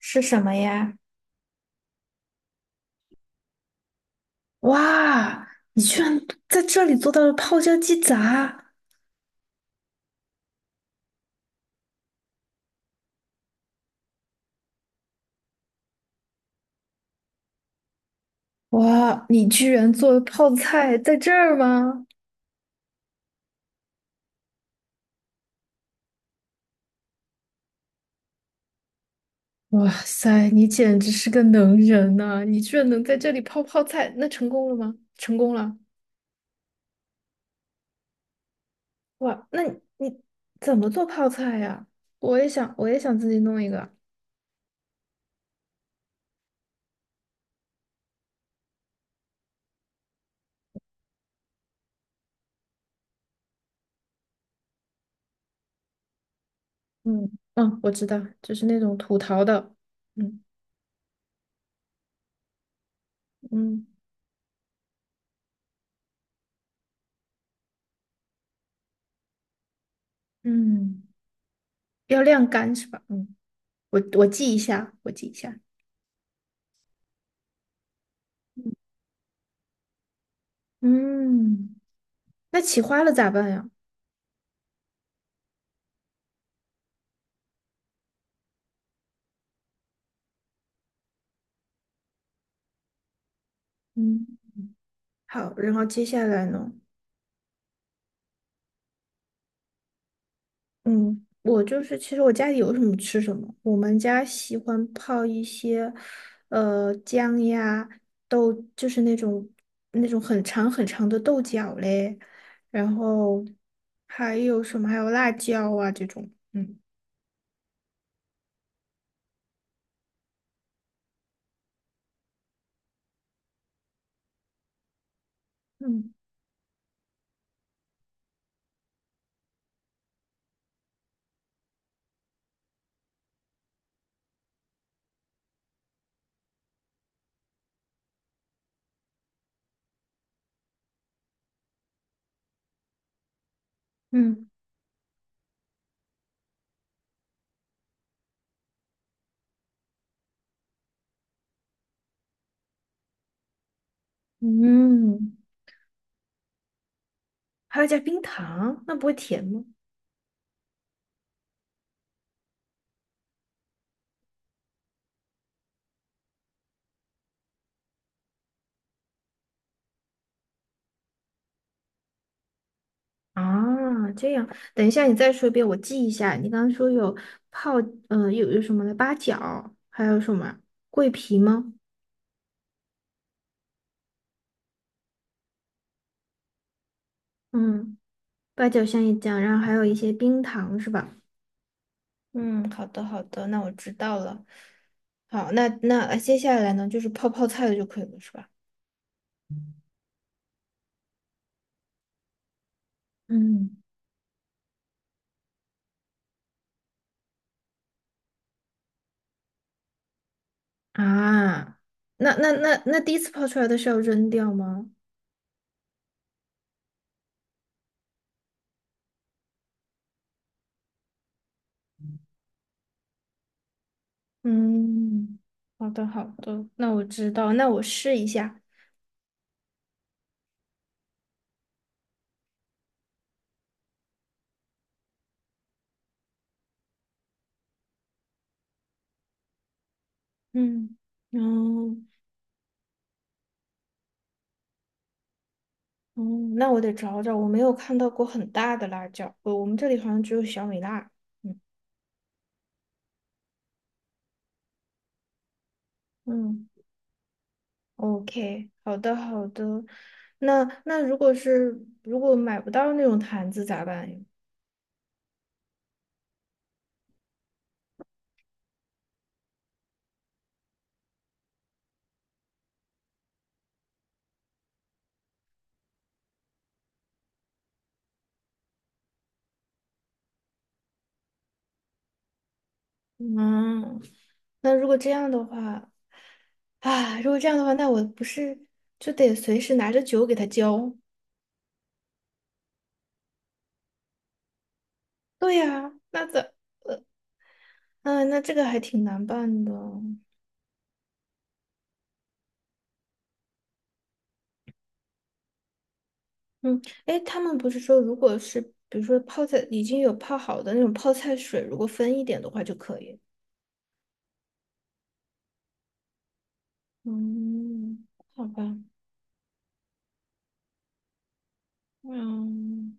是什么呀？哇，你居然在这里做到了泡椒鸡杂！哇，你居然做了泡菜在这儿吗？哇塞，你简直是个能人呐、你居然能在这里泡泡菜，那成功了吗？成功了！哇，那你怎么做泡菜呀？我也想，我也想自己弄一个。嗯嗯，我知道，就是那种土陶的。嗯嗯嗯，要晾干是吧？嗯，我记一下，我记一下。嗯。那起花了咋办呀？嗯，好，然后接下来呢？嗯，我就是其实我家里有什么吃什么，我们家喜欢泡一些，姜呀、豆，就是那种很长很长的豆角嘞，然后还有什么？还有辣椒啊这种，嗯嗯嗯，嗯，还要加冰糖，那不会甜吗？啊，这样，等一下你再说一遍，我记一下。你刚刚说有泡，有什么的八角，还有什么桂皮吗？嗯，八角香叶酱，然后还有一些冰糖是吧？嗯，好的好的，那我知道了。好，那接下来呢，就是泡泡菜的就可以了，是吧？嗯，啊，那第一次泡出来的是要扔掉吗？嗯，好的好的，那我知道，那我试一下。嗯。哦，哦，那我得找找，我没有看到过很大的辣椒，我们这里好像只有小米辣。嗯嗯，OK，好的好的。那那如果是如果买不到那种坛子咋办呀？嗯，那如果这样的话，啊，如果这样的话，那我不是就得随时拿着酒给他浇？对呀，那咋？嗯，那这个还挺难办的。嗯，哎，他们不是说，如果是比如说泡菜已经有泡好的那种泡菜水，如果分一点的话就可以。嗯，好吧，嗯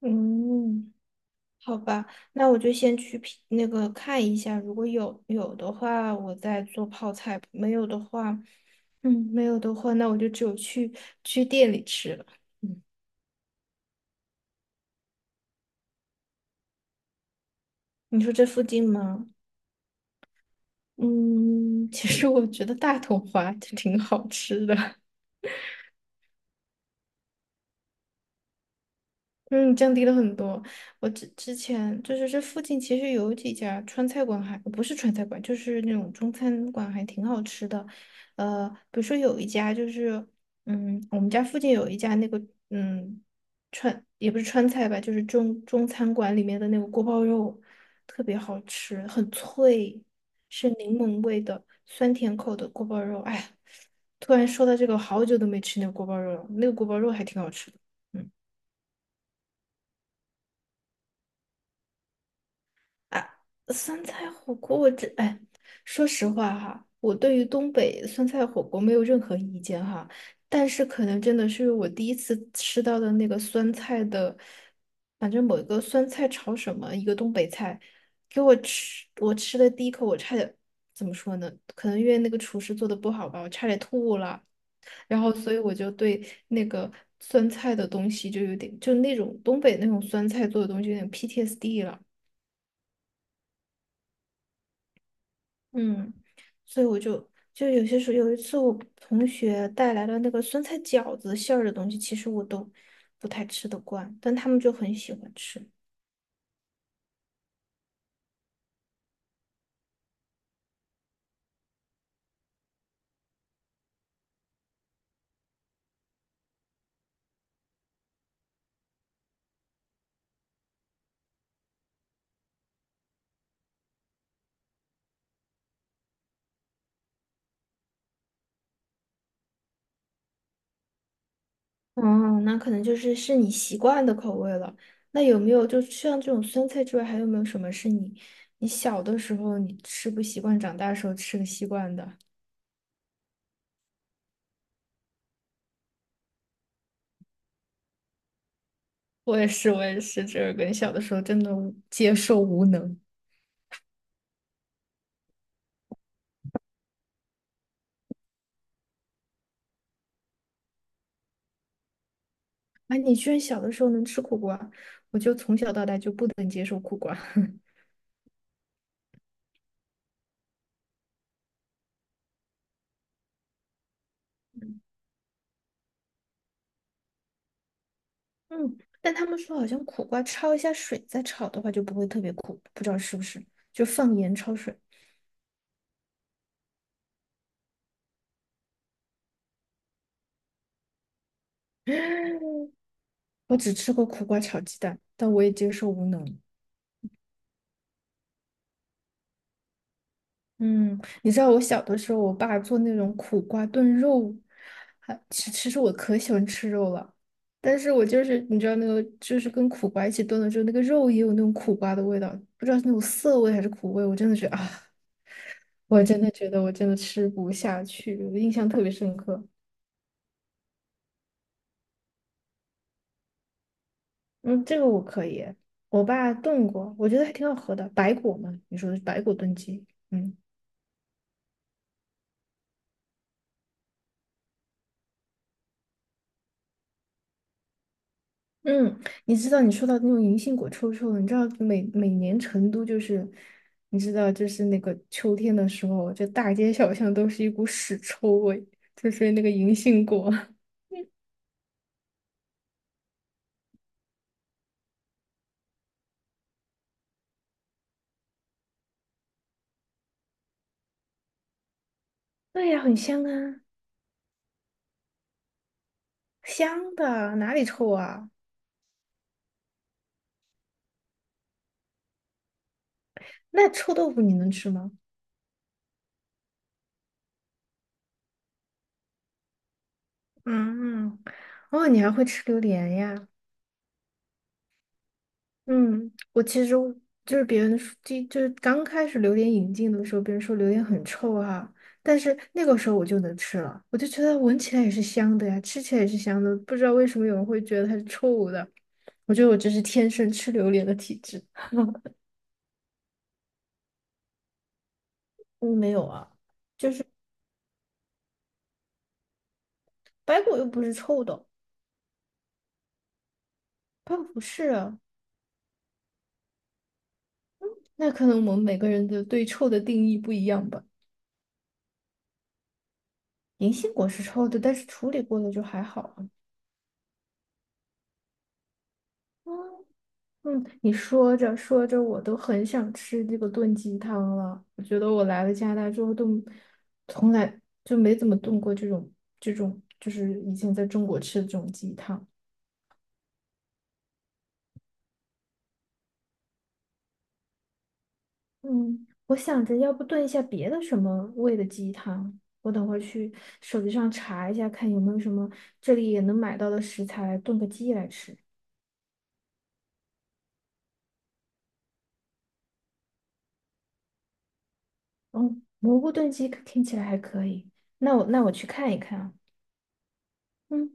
嗯，好吧，那我就先去品那个看一下，如果有的话，我再做泡菜；没有的话，嗯，没有的话，那我就只有去店里吃了。嗯，你说这附近吗？嗯，其实我觉得大同华就挺好吃的。嗯，降低了很多。我之前就是这附近其实有几家川菜馆还不是川菜馆，就是那种中餐馆还挺好吃的。比如说有一家就是，嗯，我们家附近有一家那个，嗯，川也不是川菜吧，就是中餐馆里面的那个锅包肉，特别好吃，很脆，是柠檬味的酸甜口的锅包肉。哎呀突然说到这个，我好久都没吃那个锅包肉了，那个锅包肉还挺好吃的。嗯。啊，酸菜火锅，我这哎，说实话哈，我对于东北酸菜火锅没有任何意见哈，但是可能真的是我第一次吃到的那个酸菜的，反正某一个酸菜炒什么，一个东北菜，给我吃，我吃的第一口，我差点怎么说呢？可能因为那个厨师做的不好吧，我差点吐了。然后所以我就对那个酸菜的东西就有点，就那种东北那种酸菜做的东西有点 PTSD 了。嗯，所以我就有些时候，有一次我同学带来了那个酸菜饺子馅儿的东西，其实我都不太吃得惯，但他们就很喜欢吃。哦，那可能就是你习惯的口味了。那有没有就像这种酸菜之外，还有没有什么是你小的时候你吃不习惯，长大的时候吃的习惯的？我也是，我也是，这跟小的时候真的无接受无能。哎，你居然小的时候能吃苦瓜，我就从小到大就不能接受苦瓜。嗯，但他们说好像苦瓜焯一下水再炒的话就不会特别苦，不知道是不是？就放盐焯水。我只吃过苦瓜炒鸡蛋，但我也接受无能。嗯，你知道我小的时候，我爸做那种苦瓜炖肉，还其实我可喜欢吃肉了，但是我就是你知道那个就是跟苦瓜一起炖了之后，那个肉也有那种苦瓜的味道，不知道是那种涩味还是苦味，我真的觉得啊，我真的觉得我真的吃不下去，我印象特别深刻。嗯，这个我可以，我爸炖过，我觉得还挺好喝的，白果嘛，你说的是白果炖鸡，嗯嗯，你知道你说到那种银杏果臭臭的，你知道每年成都就是，你知道就是那个秋天的时候，这大街小巷都是一股屎臭味，就是那个银杏果。对呀，很香啊，香的，哪里臭啊？那臭豆腐你能吃吗？嗯，哦，你还会吃榴莲呀？嗯，我其实就是别人说，就是刚开始榴莲引进的时候，别人说榴莲很臭啊，但是那个时候我就能吃了，我就觉得闻起来也是香的呀，吃起来也是香的，不知道为什么有人会觉得它是臭的。我觉得我这是天生吃榴莲的体质。我没有啊，白果又不是臭的，白果不是啊，那可能我们每个人的对臭的定义不一样吧。银杏果是臭的，但是处理过了就还好啊。嗯，你说着说着，我都很想吃这个炖鸡汤了。我觉得我来了加拿大之后，都从来就没怎么炖过这种，就是以前在中国吃的这种鸡汤。嗯，我想着要不炖一下别的什么味的鸡汤。我等会儿去手机上查一下，看有没有什么这里也能买到的食材来炖个鸡来吃。嗯，蘑菇炖鸡听起来还可以。那我去看一看啊。嗯。